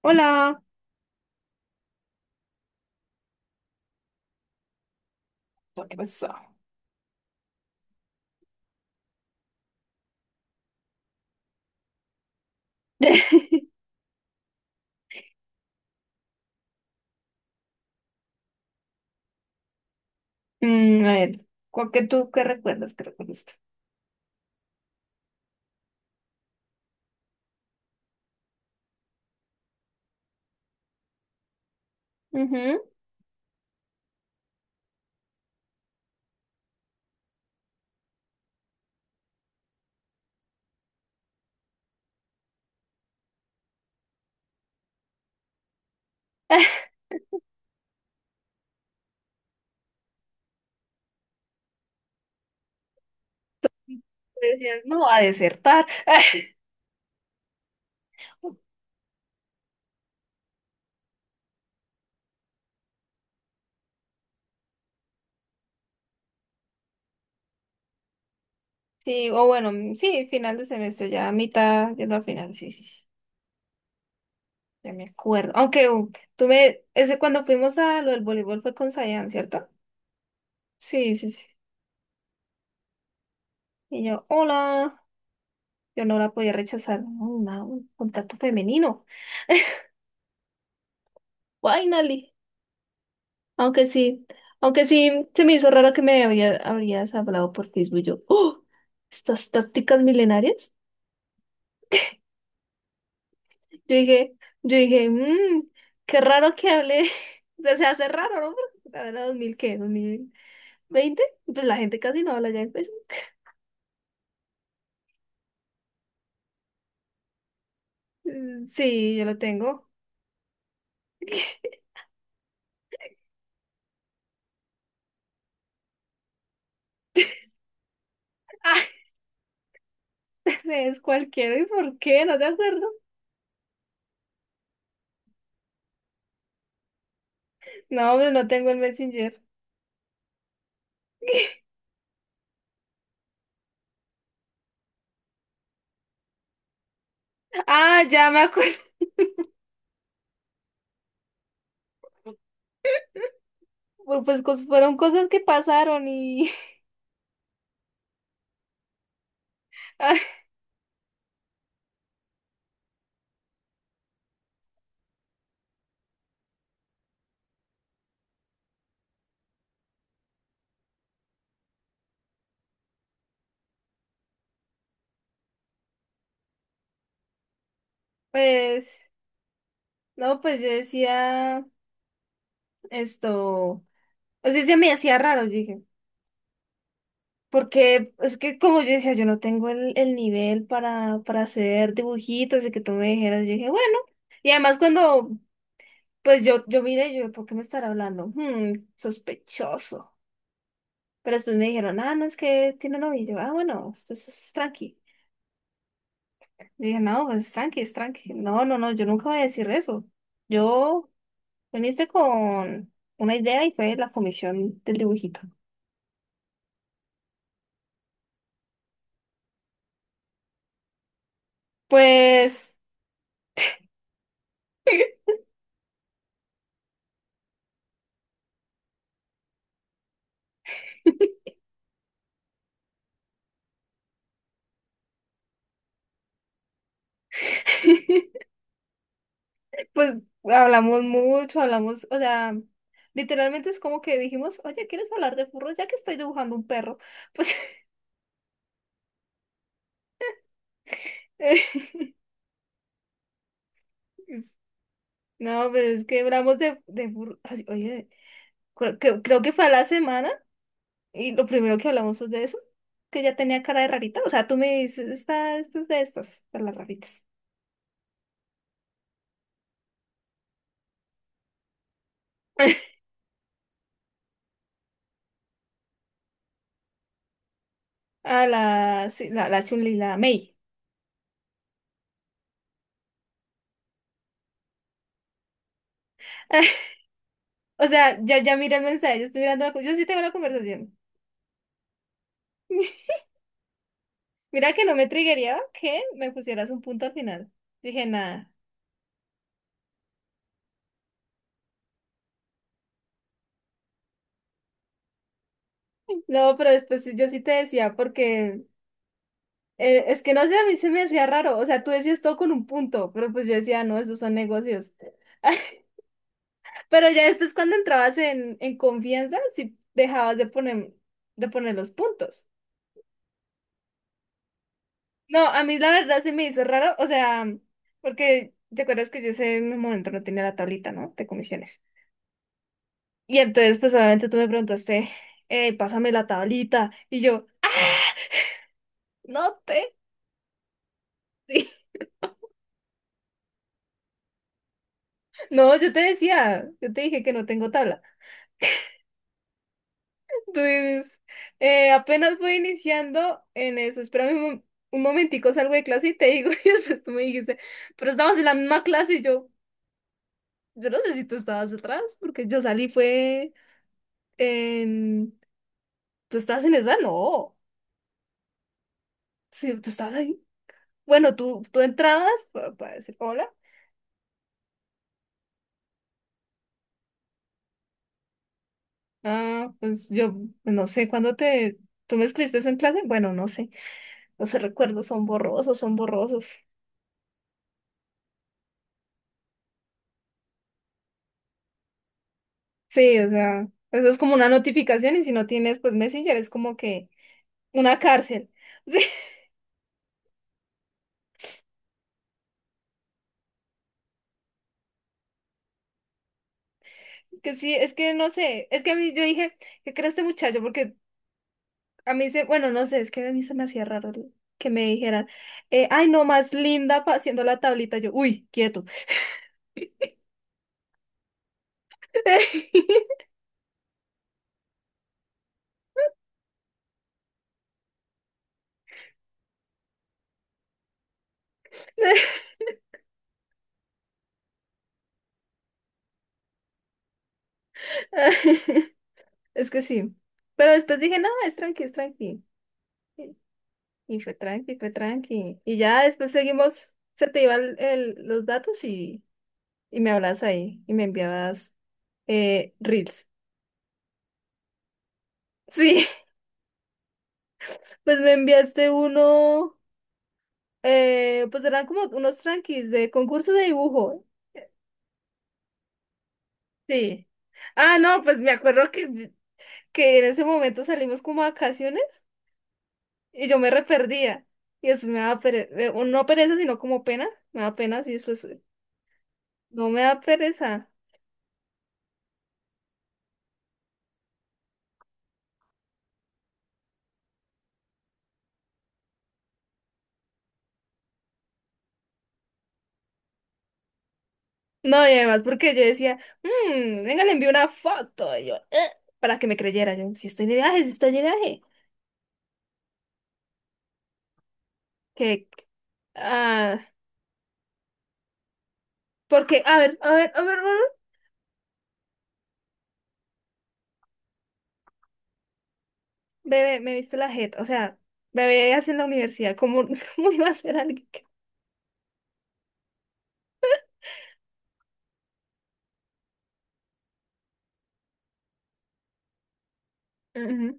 Hola, ¿qué pasó? Mm, a ver, ¿cuál que tú qué recuerdas que recuerdas? Ujú. Decías, no, a desertar. Sí, o bueno, mm, sí, final de semestre, ya a mitad, yendo a final, sí, sí, sí, ya me acuerdo. Aunque tú me, ese cuando fuimos a lo del voleibol fue con Sayan, ¿cierto? Sí, sí, sí. Y yo, hola, yo no la podía rechazar. No, una- un contacto femenino. Finally. Aunque sí, aunque sí, se me hizo raro que me había, habrías hablado por Facebook. Yo, ¡oh! Estas tácticas milenarias. Yo dije, yo dije, qué raro que hable. O sea, se hace raro, ¿no? Porque la verdad, ¿2000 qué? Dos mil veinte. Pues la gente casi no habla ya en Facebook. Mm, sí, yo lo tengo. Ah, es cualquiera. ¿Y por qué? ¿No te acuerdo? No, pues no tengo el Messenger. Ah, ya me acuerdo. Pues, cos- fueron cosas que pasaron y... ah, pues no, pues yo decía esto, o sea, se me hacía raro, yo dije, porque es que como yo decía, yo no tengo el nivel para hacer dibujitos y que tú me dijeras, yo dije, bueno, y además cuando, pues yo miré, yo, ¿por qué me estará hablando? Hmm, sospechoso. Pero después me dijeron, ah, no, es que tiene novio, y yo, ah, bueno, esto es tranqui. Yo dije, no, pues es tranqui, es tranqui. No, no, no, yo nunca voy a decir eso. Yo viniste con una idea y fue la comisión del dibujito. Pues, pues hablamos mucho, hablamos, o sea, literalmente es como que dijimos, oye, ¿quieres hablar de furros? Ya que estoy dibujando un perro. Pues, es- no, pues es que hablamos de furros. Así, oye, creo que fue a la semana y lo primero que hablamos fue de eso, que ya tenía cara de rarita. O sea, tú me dices, está, esto es de estas, de las raritas. A la, sí, la Chun-Li, la Mei. O sea, ya, ya mira el mensaje, yo estoy mirando la, co- yo sí tengo la conversación. Mira que no me triggería que me pusieras un punto al final. Dije, nada. No, pero después sí- yo sí te decía, porque es que no sé, a mí se me hacía raro. O sea, tú decías todo con un punto, pero pues yo decía, no, estos son negocios. Pero ya después cuando entrabas en confianza, sí dejabas de poner los puntos. No, a mí la verdad se me hizo raro, o sea, porque te acuerdas que yo ese momento no tenía la tablita, ¿no? De comisiones. Y entonces, pues obviamente tú me preguntaste, pásame la tablita. Y yo, no te. No, yo te decía, yo te dije que no tengo tabla. Entonces, apenas voy iniciando en eso. Espérame un, mom- un momentico, salgo de clase y te digo, y después tú me dijiste, pero estabas en la misma clase y yo no sé si tú estabas atrás, porque yo salí fue en... ¿Tú estabas en esa? No. Sí, tú estabas ahí. Bueno, tú entrabas pa- para, decir hola. Ah, pues yo no sé, ¿cuándo te... ¿Tú me escribiste eso en clase? Bueno, no sé. Los recuerdos son borrosos, son borrosos. Sí, o sea, eso es como una notificación y si no tienes, pues Messenger es como que una cárcel. Sí, que sí, es que no sé, es que a mí yo dije, ¿qué crees este muchacho? Porque a mí se, bueno, no sé, es que a mí se me hacía raro el- que me dijeran, ay, no, más linda pa- haciendo la tablita. Yo, uy, quieto. Es que sí. Pero después dije, no, es tranqui, es tranqui. Y fue tranqui, fue tranqui. Y ya después seguimos, se te iban el- los datos y me hablabas ahí y me enviabas reels. Sí, pues me enviaste uno, pues eran como unos tranquis de concurso de dibujo. Sí. Ah, no, pues me acuerdo que en ese momento salimos como a vacaciones y yo me re perdía. Y después me daba pereza, no pereza, sino como pena, me daba pena y después no me da pereza. No, y además, porque yo decía, "Mm, venga, le envío una foto". Y yo, para que me creyera. Yo, si estoy de viaje, si estoy de viaje. Que, ah, porque, a ver, bebé, me viste la jeta. O sea, bebé, hace en la universidad, ¿cómo, cómo iba a ser alguien que Ujú,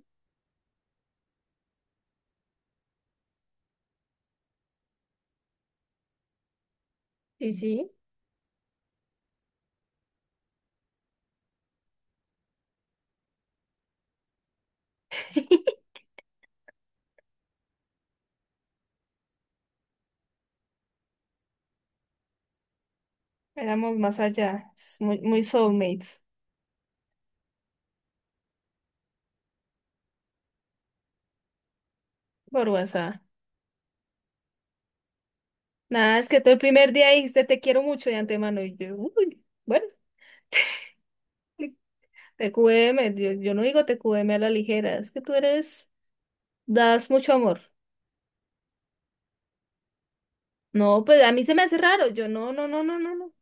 sí, sí. ¿éramos más allá? Es muy, muy soulmates, por WhatsApp. Nada, es que tú el primer día dijiste, te quiero mucho de antemano. Y yo, uy, bueno, TQM, yo, yo no digo TQM a la ligera, es que tú eres. Das mucho amor. No, pues a mí se me hace raro. Yo no, no, no, no, no, no.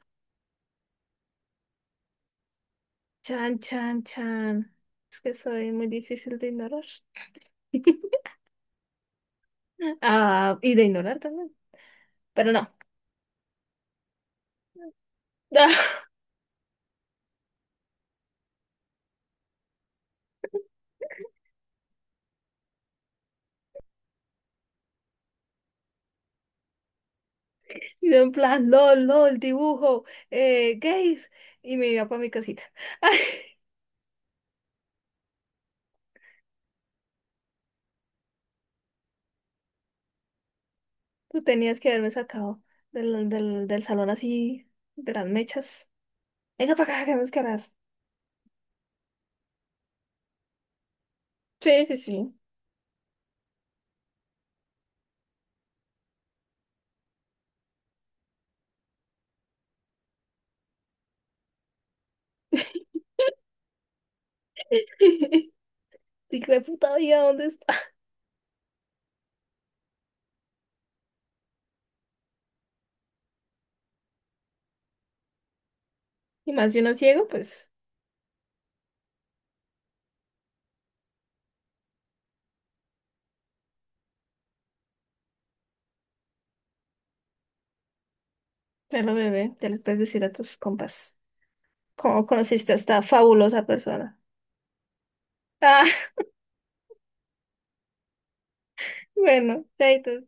Chan, chan, chan. Es que soy muy difícil de ignorar. Ah, y de ignorar también. Pero no. Y de un plan, lol, lol, dibujo, gays. Y me iba para mi casita. Ay, tú tenías que haberme sacado del salón así, de las mechas. Venga para acá, que tenemos que hablar. Sí, sí, sí. Digo, puta vida, ¿dónde está? Y más si uno es ciego, pues. Claro, bebé, ya les puedes decir a tus compas cómo conociste a esta fabulosa persona. Ah, bueno, chaito.